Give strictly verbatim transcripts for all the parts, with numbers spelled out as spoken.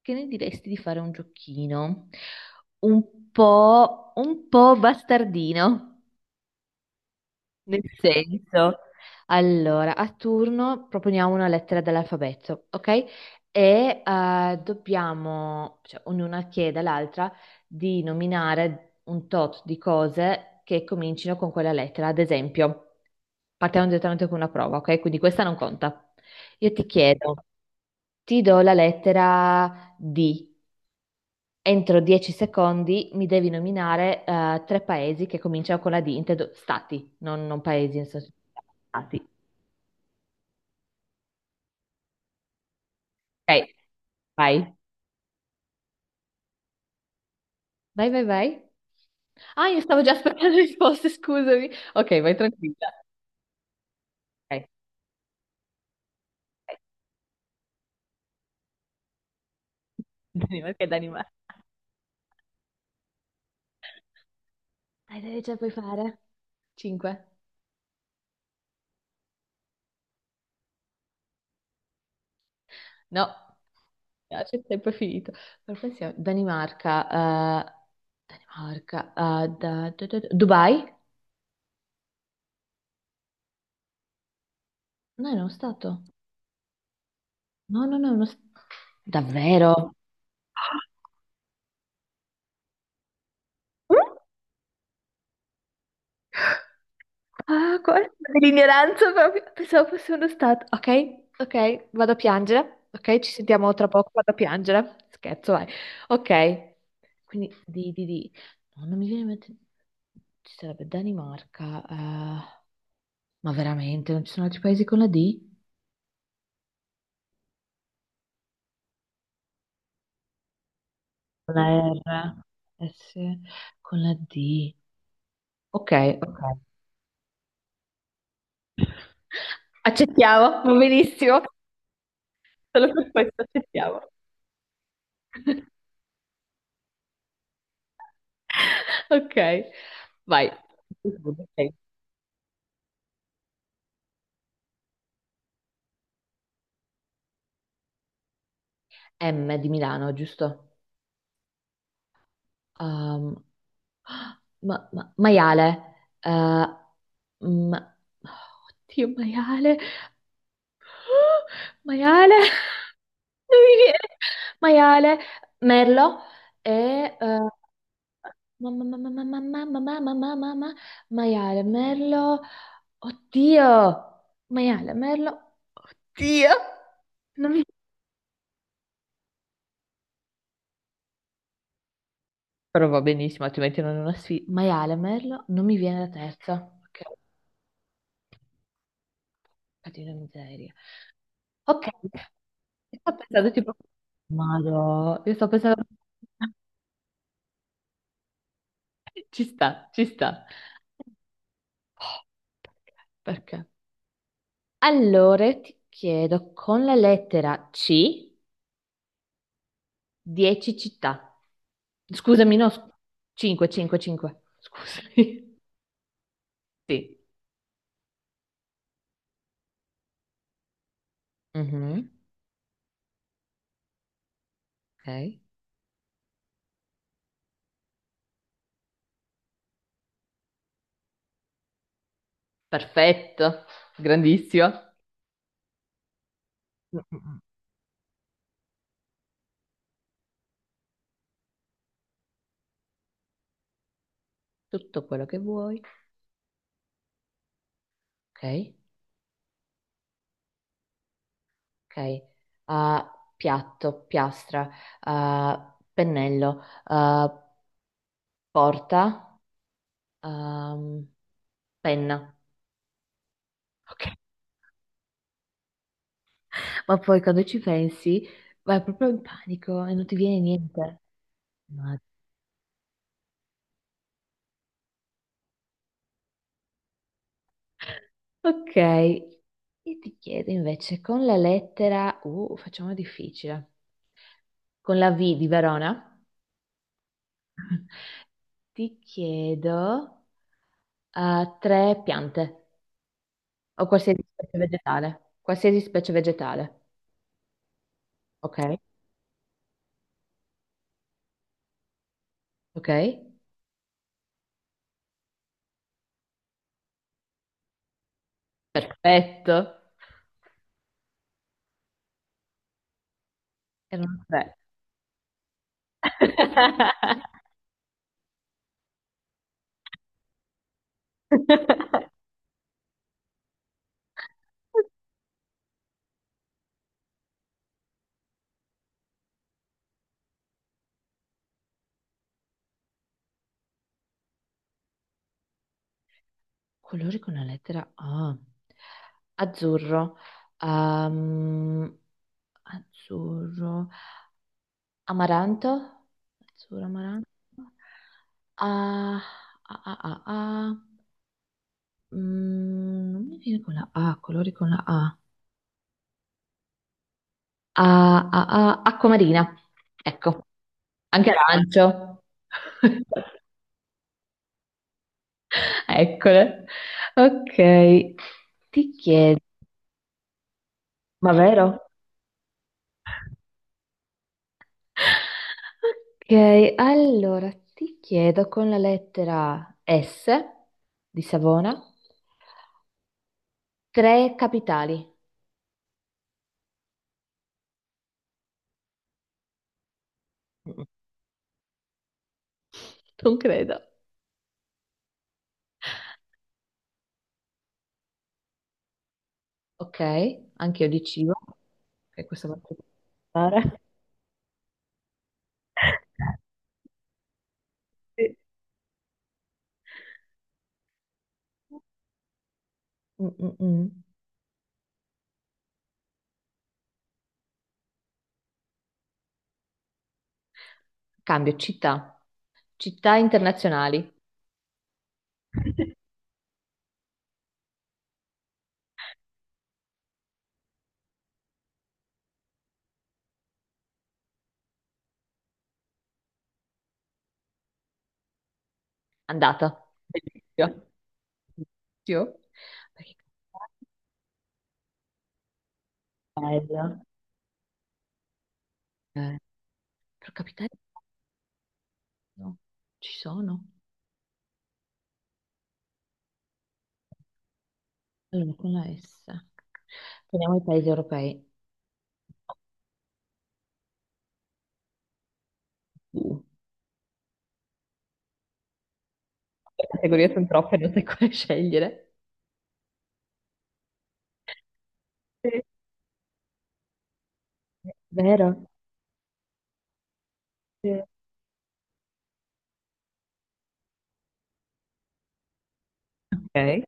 Che ne diresti di fare un giochino un po', un po' bastardino? Nel senso, allora, a turno proponiamo una lettera dell'alfabeto, ok? E eh, dobbiamo, cioè, ognuna chiede all'altra di nominare un tot di cose che comincino con quella lettera. Ad esempio, partiamo direttamente con una prova, ok? Quindi questa non conta. Io ti chiedo, ti do la lettera D. Entro dieci secondi mi devi nominare eh, tre paesi che cominciano con la D, intendo stati, non, non paesi, nel senso stati. Ok, vai. Vai, vai, vai. Ah, io stavo già aspettando le risposte, scusami. Ok, vai tranquilla. Ok, vai. Danimarca e Danimarca. Dai, dai, ce la puoi fare. cinque. No, no, c'è il tempo è finito. Per pensiamo- Danimarca, eh, Danimarca, eh, da- da- da- da- Dubai? No, era uno stato. No, no, no, no. Davvero? Mm? Ah, guarda, dell'ignoranza proprio. Pensavo fosse uno stato. Ok, ok, vado a piangere. Ok, ci sentiamo tra poco, vado a piangere. Scherzo, vai. Ok, quindi di, di, di. No, non mi viene in mente. Ci sarebbe Danimarca. eh, Ma veramente, non ci sono altri paesi con la D? Con la R. S. Con la D. Ok, ok. Accettiamo, va benissimo. Solo per questo accettiamo. Ok, vai. Ok. M di Milano, giusto? Um, ma- ma- maiale. Eh, ma- oddio, maiale. Oh, maiale. Non mi viene. Maiale. Merlo. E... eh, Mamma, mamma, mamma, mamma, mamma, mamma, mamma, maiale, merlo, oddio, maiale, merlo, Dio. Però va benissimo, altrimenti non è una sfida. Maiale, merlo, non mi viene la terza. Che cacchio di miseria. Ok, io sto pensando tipo. Madò, io sto pensando. Ci sta, ci sta. Oh, perché? Perché? Allora, ti chiedo, con la lettera C, dieci città. Scusami, no, cinque, cinque, cinque. Scusami. Sì. Mhm. Ok. Perfetto, grandissimo. Mm, mm, mm. Tutto quello che vuoi. Ok, ok. Ah, piatto, piastra, ah, pennello, ah, porta, ehm, penna. Ok. Ma poi quando ci pensi vai proprio in panico e non ti viene niente. Ma- ok, io ti chiedo invece con la lettera U, facciamo difficile, con la V di Verona, ti chiedo eh, tre piante o qualsiasi specie vegetale, qualsiasi specie vegetale. Ok, ok, perfetto. Erano tre. Colori con la lettera A. Azzurro. Ehm, azzurro. Amaranto. Azzurro, amaranto. Ah, ah, ah, ah, ah. Mm, non mi viene con la A, colori con la A. Ah, ah, ah, acqua marina. Ecco, anche arancio. Eccole. Ok, ti chiedo, ma vero? Ok, allora ti chiedo con la lettera S di Savona tre capitali. Mm, non credo. Ok, anche io di cibo, che questa volta devo fare. Sì. Mm, mm, mm. Cambio città, città internazionali. Andata. Bellissimo. Bellissimo. Perché- Bello. Eh, però capitale no, ci sono. Allora, con la S. Prendiamo i paesi europei. Uh, le categorie sono troppe, non sai quale scegliere. Sì. Vero? Sì. Ok.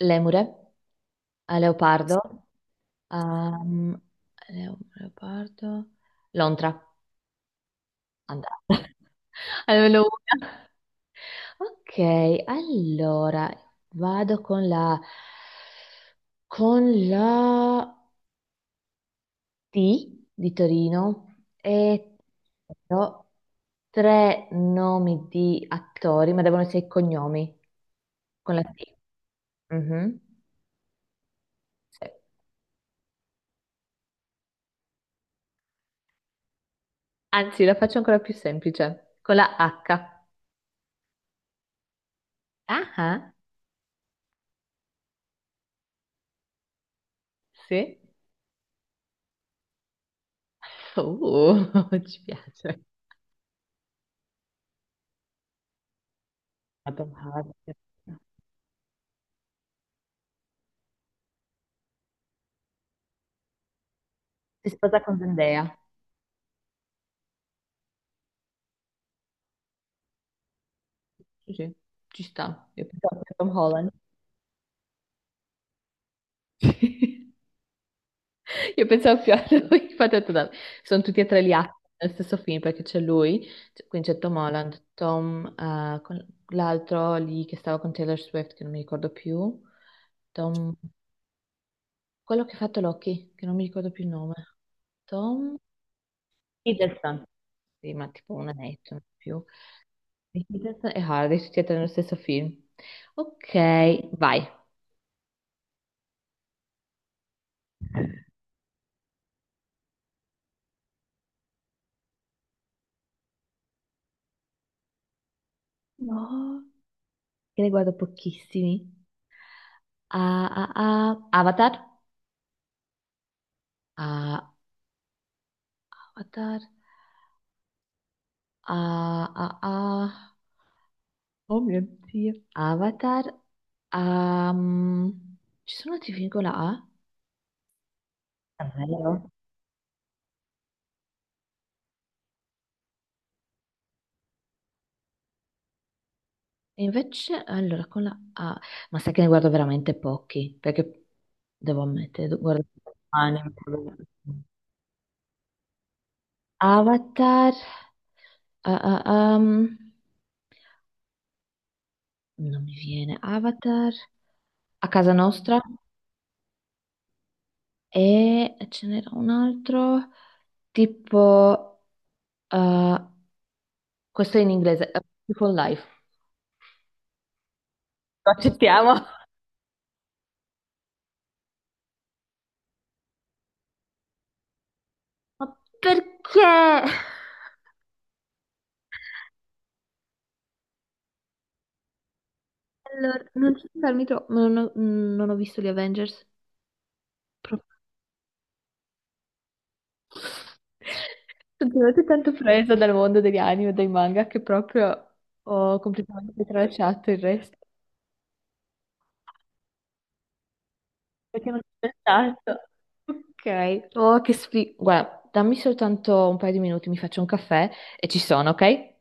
Lemure, a leopardo, um, leo- leopardo, lontra, andata. Almeno una. Ok, allora vado con la con la T di Torino e però tre nomi di attori, ma devono essere i cognomi con la T. Mhm. Sì. Anzi, la faccio ancora più semplice, con la H. Ah, ah, sì. Uh, ci piace. Adam Hart. Si sposa con Zendaya. Sì, sì, ci sta. Io pensavo a Tom Holland. Io pensavo più a lui, infatti ho detto, "Dai, sono tutti e tre gli attori nel stesso film perché c'è lui, c- quindi c'è Tom Holland, Tom, eh, con- l'altro lì che stava con Taylor Swift, che non mi ricordo più, Tom, quello che ha fatto Loki, che non mi ricordo più il nome, Tom Hiddleston, sì, ma tipo una netto, non più, Hiddleston e Hardy, tutti e tre nello stesso film. Ok, vai. No, che ne guardo pochissimi. Ah, ah, ah. Avatar? Ah, Avatar. Ah, ah, ah. Oh mio Dio. Avatar. Ehm, ci sono film con la A? Davvero? E invece, allora, con la A. Ma sai che ne guardo veramente pochi, perché devo ammettere, do- guardo anime. Avatar, ah, ah, ehm, non mi viene. Avatar. A casa nostra. E ce n'era un altro, tipo, eh, questo è in inglese, A Beautiful Life. Lo accettiamo. Ma perché? Allora, non so farmi troppo, non ho, non ho visto gli Avengers. Pro- sono veramente tanto presa dal mondo degli anime e dei manga che proprio ho completamente tralasciato il resto. Perché non ci ho pensato. Ok. Oh, che sfiga. Guarda, dammi soltanto un paio di minuti, mi faccio un caffè e ci sono, ok?